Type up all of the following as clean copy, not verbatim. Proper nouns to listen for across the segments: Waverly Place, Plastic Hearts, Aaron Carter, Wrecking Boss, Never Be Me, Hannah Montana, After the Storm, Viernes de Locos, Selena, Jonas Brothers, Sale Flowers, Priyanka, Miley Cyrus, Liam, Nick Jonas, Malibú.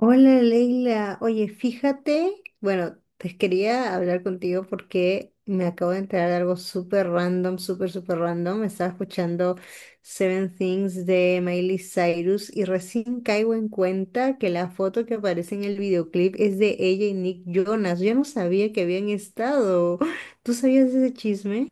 Hola Leila, oye, fíjate, bueno, te quería hablar contigo porque me acabo de enterar de algo súper random, súper, súper random. Estaba escuchando Seven Things de Miley Cyrus y recién caigo en cuenta que la foto que aparece en el videoclip es de ella y Nick Jonas. Yo no sabía que habían estado. ¿Tú sabías ese chisme?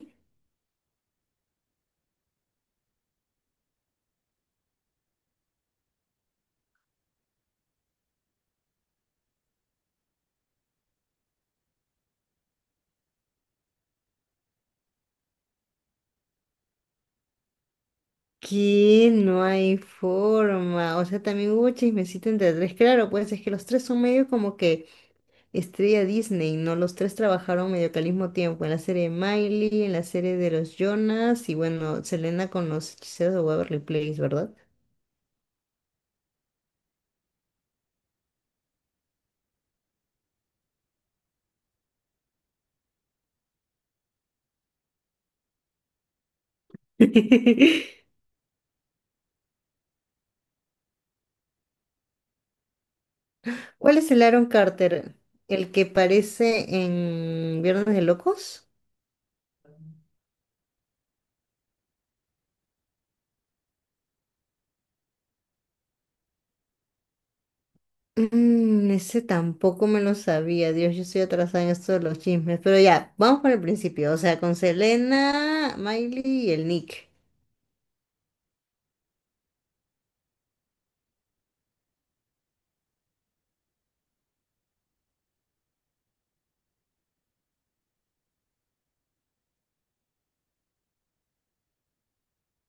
Que no hay forma. O sea, también hubo chismecito entre tres. Claro, pues es que los tres son medio como que Estrella Disney, ¿no? Los tres trabajaron medio que al mismo tiempo, en la serie de Miley, en la serie de los Jonas y bueno, Selena con los hechiceros de Waverly Place, ¿verdad? ¿Cuál es el Aaron Carter? ¿El que parece en Viernes de Locos? Mm, ese tampoco me lo sabía, Dios, yo estoy atrasada en esto de los chismes, pero ya, vamos por el principio, o sea, con Selena, Miley y el Nick.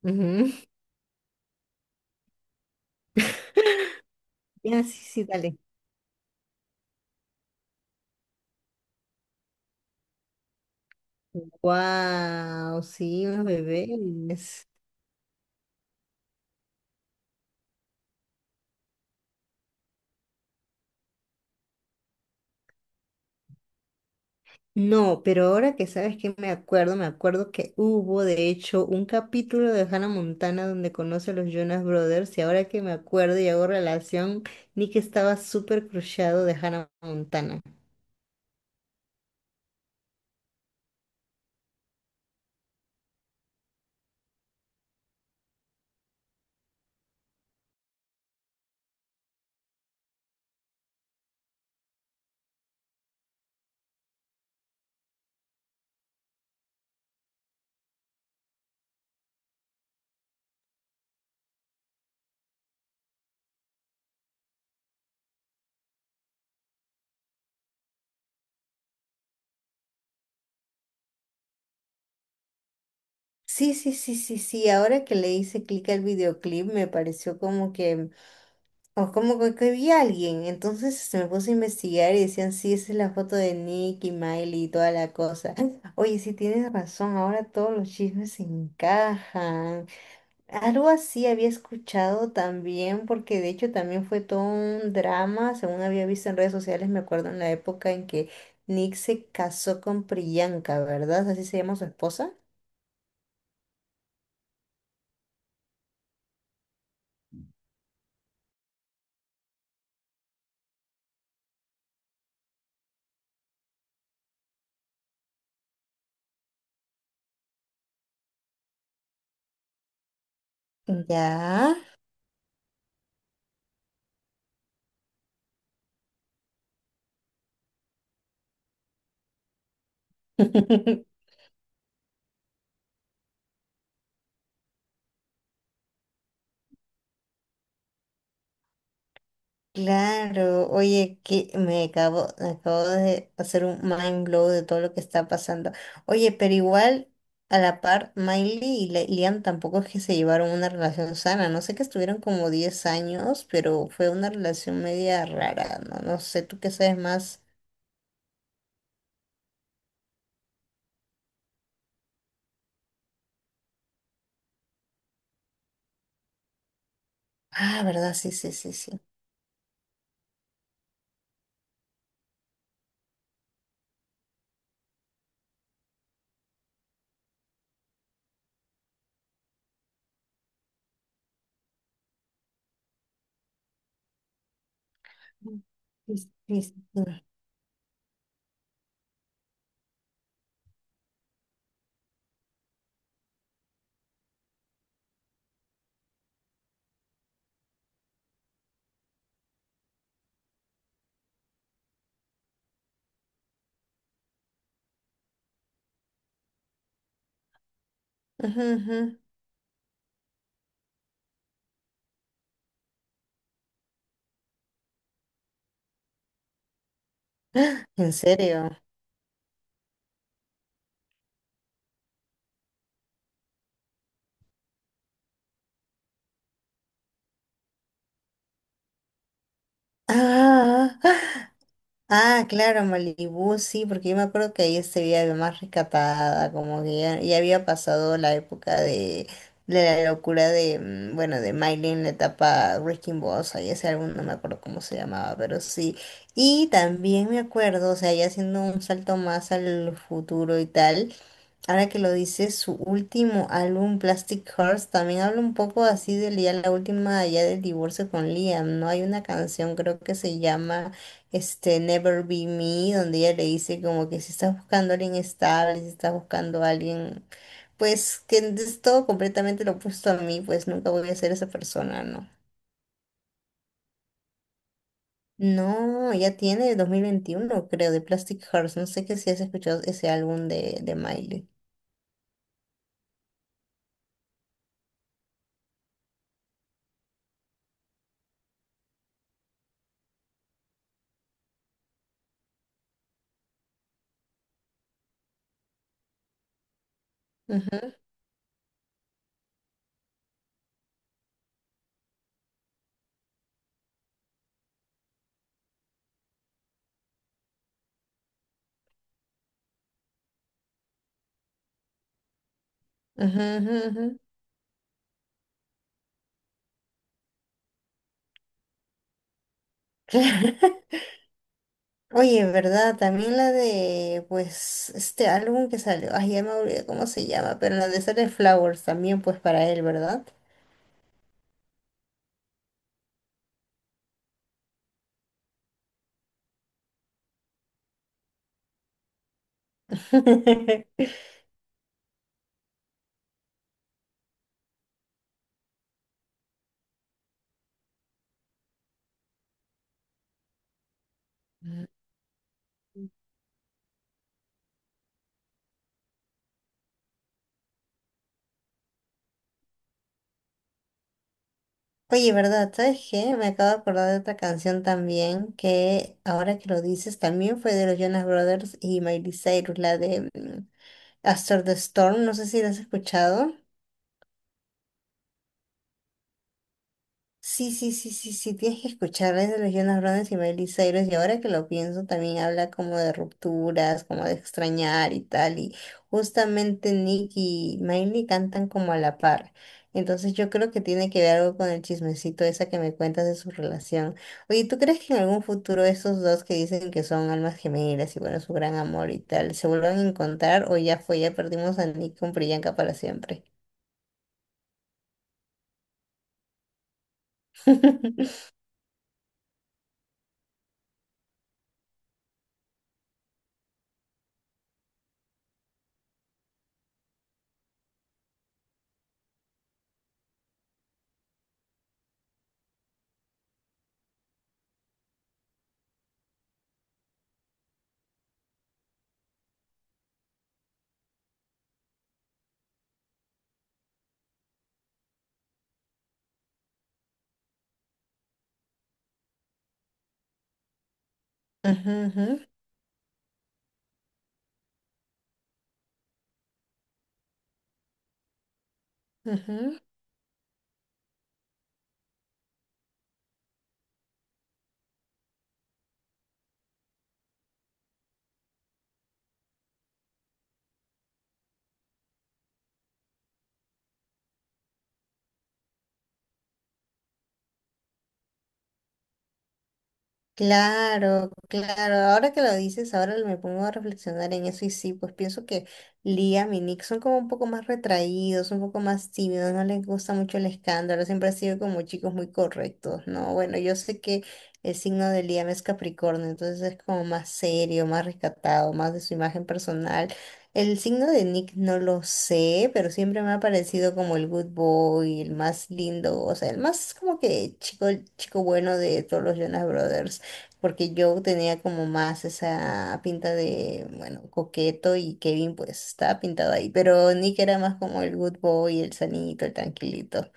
Ujú. Ya, sí, sí, dale. Wow, sí, unos bebés. No, pero ahora que sabes que me acuerdo que hubo de hecho un capítulo de Hannah Montana donde conoce a los Jonas Brothers y ahora que me acuerdo y hago relación, Nick estaba súper crushado de Hannah Montana. Sí, sí, sí, sí, sí, ahora que le hice clic al videoclip me pareció como que o como que vi a alguien. Entonces se me puso a investigar y decían, sí, esa es la foto de Nick y Miley y toda la cosa. Oye, sí tienes razón, ahora todos los chismes se encajan. Algo así había escuchado también, porque de hecho también fue todo un drama, según había visto en redes sociales, me acuerdo en la época en que Nick se casó con Priyanka, ¿verdad? Así se llama su esposa. Ya. Claro, oye, que me acabo de hacer un mind blow de todo lo que está pasando. Oye, pero igual, a la par, Miley y Liam tampoco es que se llevaron una relación sana. No sé que estuvieron como 10 años, pero fue una relación media rara, ¿no? No sé, tú qué sabes más. Ah, ¿verdad? Sí, sí, sí, sí. Sí, sí, sí. Ujú, ujú. ¿En serio? Ah. Ah, claro, Malibú, sí, porque yo me acuerdo que ahí se veía más rescatada, como que ya, ya había pasado la época de la locura de, bueno, de Miley en la etapa Wrecking Boss, ahí ese álbum no me acuerdo cómo se llamaba, pero sí. Y también me acuerdo, o sea, ya haciendo un salto más al futuro y tal. Ahora que lo dice, su último álbum, Plastic Hearts, también habla un poco así de ya la última, ya del divorcio con Liam, ¿no? Hay una canción, creo que se llama este, Never Be Me, donde ella le dice como que si estás buscando a alguien estable, si estás buscando a alguien, pues que es todo completamente lo opuesto a mí, pues nunca voy a ser esa persona, ¿no? No, ya tiene 2021, creo, de Plastic Hearts. No sé que si has escuchado ese álbum de Miley. Ujú, ujú, ujú, ujú. Oye, ¿verdad? También la de, pues, este álbum que salió, ay, ya me olvidé cómo se llama, pero la de Sale Flowers también, pues, para él, ¿verdad? Oye, ¿verdad? ¿Sabes qué? Me acabo de acordar de otra canción también, que ahora que lo dices, también fue de los Jonas Brothers y Miley Cyrus, la de After the Storm, no sé si la has escuchado. Sí, sí, sí, sí, sí, tienes que escucharles de los Jonas Brothers y Miley Cyrus, y ahora que lo pienso también habla como de rupturas, como de extrañar y tal, y justamente Nick y Miley cantan como a la par, entonces yo creo que tiene que ver algo con el chismecito esa que me cuentas de su relación. Oye, ¿tú crees que en algún futuro estos dos que dicen que son almas gemelas y bueno, su gran amor y tal, se vuelvan a encontrar o ya fue, ya perdimos a Nick con Priyanka para siempre? Ujú, ujú, ujú. Claro, claro. Ahora que lo dices, ahora me pongo a reflexionar en eso y sí, pues pienso que Liam y Nick son como un poco más retraídos, un poco más tímidos, no les gusta mucho el escándalo, siempre han sido como chicos muy correctos, ¿no? Bueno, yo sé que el signo de Liam es Capricornio, entonces es como más serio, más rescatado, más de su imagen personal. El signo de Nick no lo sé, pero siempre me ha parecido como el good boy, el más lindo, o sea, el más como que chico, chico bueno de todos los Jonas Brothers porque yo tenía como más esa pinta de, bueno, coqueto y Kevin pues estaba pintado ahí, pero Nick era más como el good boy, el sanito, el tranquilito.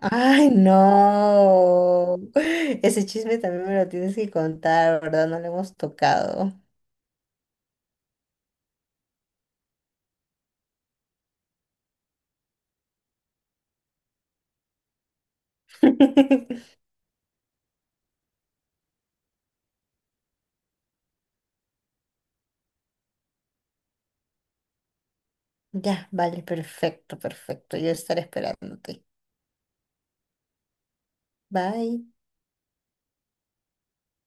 Ay, no. Ese chisme también me lo tienes que contar, ¿verdad? No lo hemos tocado. Ya, vale, perfecto, perfecto. Yo estaré esperándote. Bye.